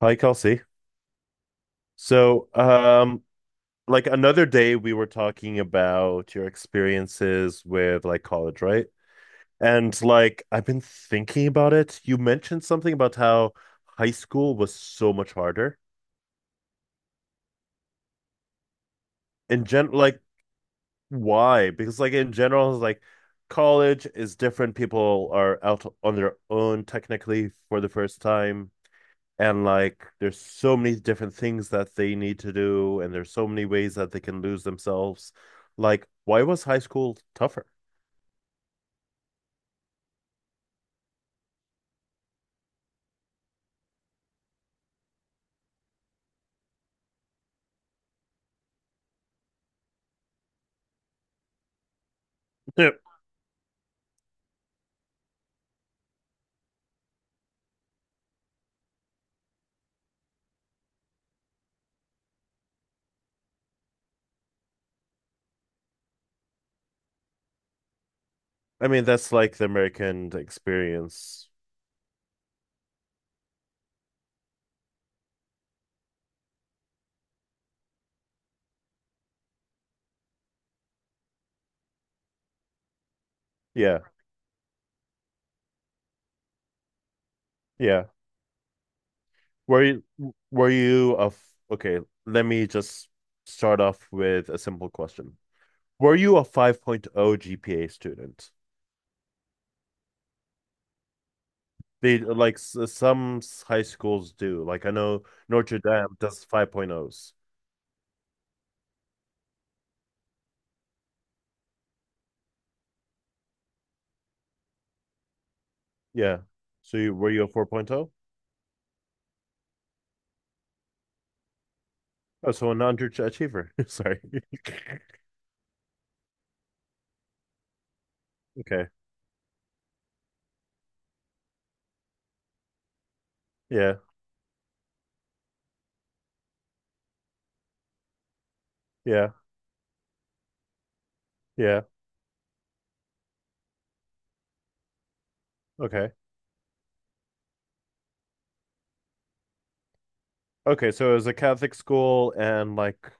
Hi, Kelsey. So, um, like another day we were talking about your experiences with like college, right? And like I've been thinking about it. You mentioned something about how high school was so much harder. In gen like Why? Because like in general, it's like college is different. People are out on their own technically for the first time. And like there's so many different things that they need to do, and there's so many ways that they can lose themselves. Like why was high school tougher? I mean that's like the American experience. Yeah, yeah, were you were you a f- okay, let me just start off with a simple question. Were you a 5.0 gpa student? They like some high schools do, like I know Notre Dame does 5.0s. Yeah, so you, were you a 4.0? Oh, so a non-achiever. Sorry. Okay. Yeah. Yeah. Yeah. Okay. Okay. So it was a Catholic school, and like,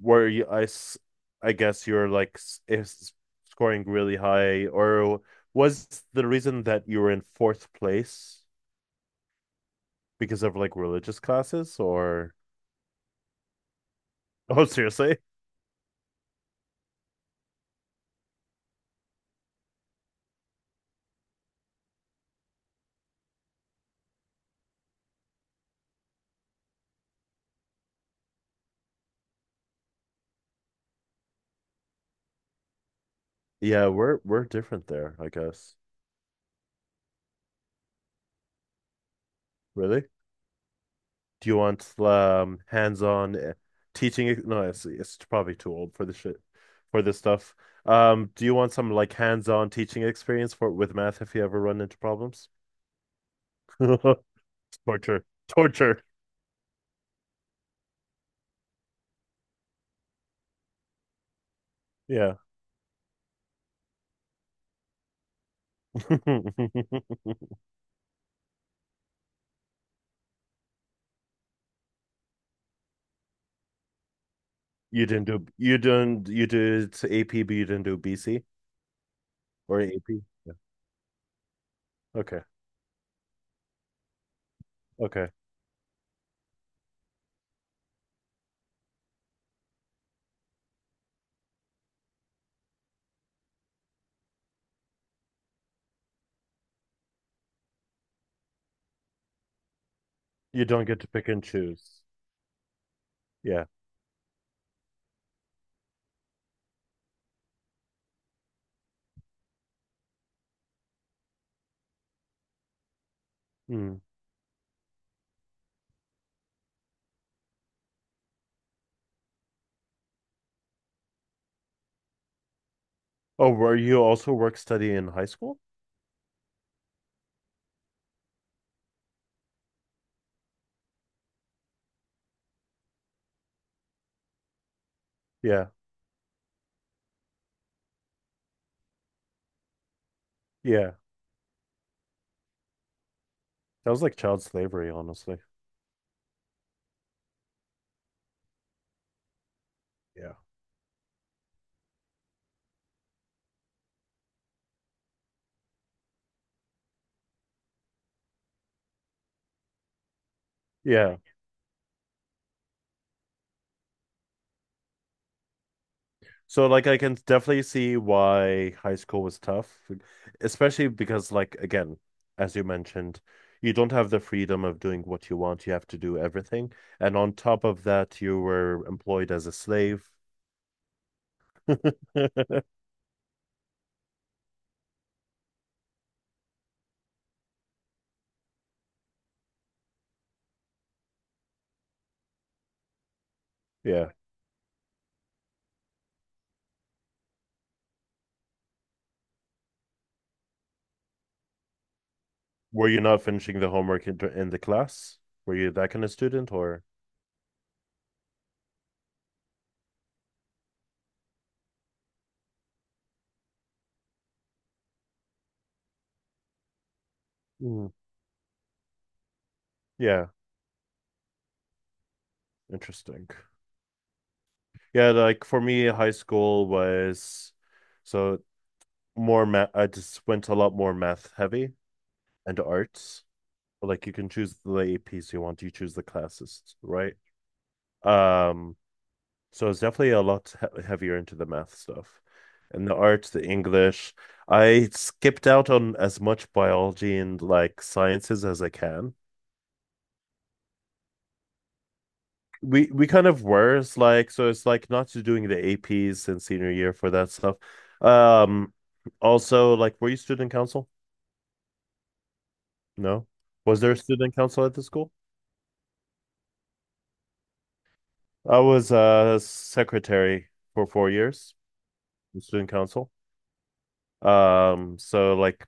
were you? I guess you're like s- is scoring really high, or was the reason that you were in fourth place because of like religious classes, or? Oh, seriously? Yeah, we're different there, I guess. Really? Do you want hands-on teaching? No, it's probably too old for the shit for this stuff. Do you want some like hands-on teaching experience for with math if you ever run into problems? Torture. Torture. Yeah. You did AP but you didn't do BC or AP? Yeah. Okay. Okay. You don't get to pick and choose. Yeah. Mm. Oh, were you also work study in high school? Yeah. Yeah. That was like child slavery, honestly. Yeah. Yeah. So like I can definitely see why high school was tough, especially because like again, as you mentioned, you don't have the freedom of doing what you want. You have to do everything. And on top of that, you were employed as a slave. Yeah. Were you not finishing the homework in the class? Were you that kind of student or? Mm. Yeah, interesting. Yeah, like for me, high school was so more math. I just went a lot more math heavy. And arts. Like you can choose the APs you want, you choose the classes, right? Um, so it's definitely a lot heavier into the math stuff and the arts, the English. I skipped out on as much biology and like sciences as I can. We kind of were, it's like so it's like not doing the APs in senior year for that stuff. Um, also like were you student council? No. Was there a student council at the school? I was a secretary for 4 years. The student council. So like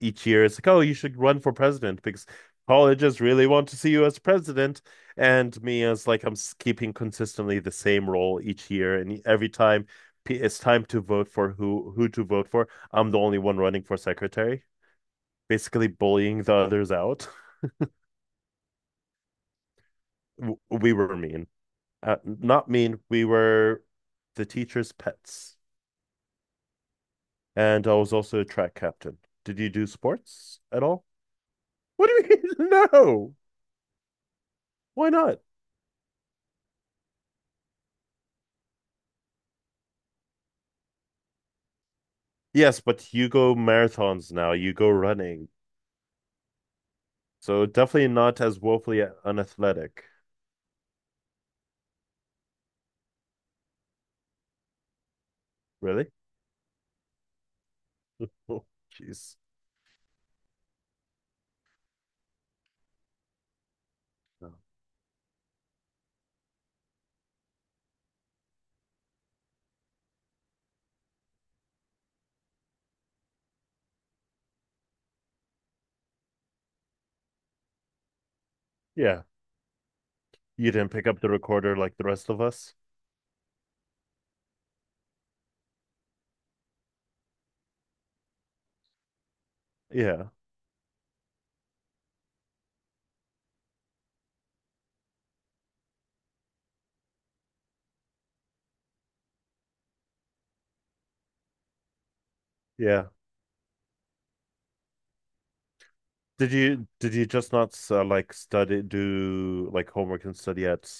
each year it's like, oh, you should run for president because colleges really want to see you as president. And me as like I'm keeping consistently the same role each year, and every time it's time to vote for who to vote for, I'm the only one running for secretary, basically bullying the others out. We were mean, not mean. We were the teacher's pets, and I was also a track captain. Did you do sports at all? What do you mean? No. Why not? Yes, but you go marathons now. You go running. So definitely not as woefully unathletic. Really? Oh, jeez. No. Yeah. You didn't pick up the recorder like the rest of us? Yeah. Yeah. Did you just not like study, do like homework and study at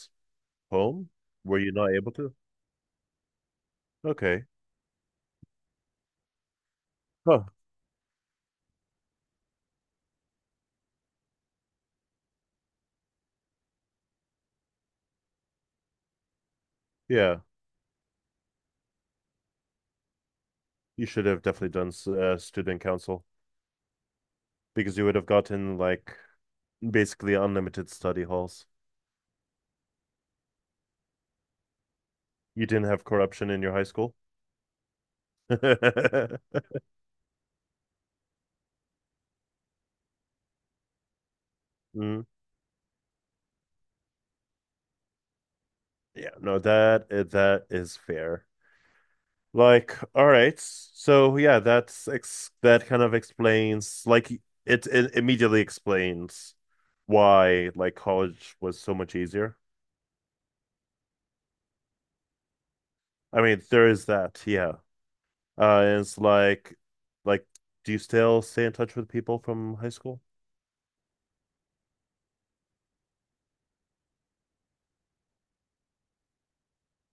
home? Were you not able to? Okay. Huh. Yeah. You should have definitely done student council because you would have gotten like basically unlimited study halls. You didn't have corruption in your high school? Mm, yeah, no, that that is fair. Like, all right, so yeah, that kind of explains like it immediately explains why like college was so much easier. I mean, there is that, yeah. And it's like, do you still stay in touch with people from high school?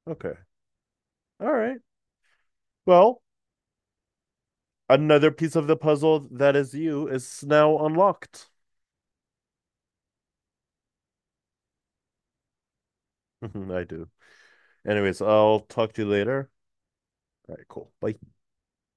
Okay, all right. Well, another piece of the puzzle that is you is now unlocked. I do. Anyways, I'll talk to you later. All right, cool. Bye.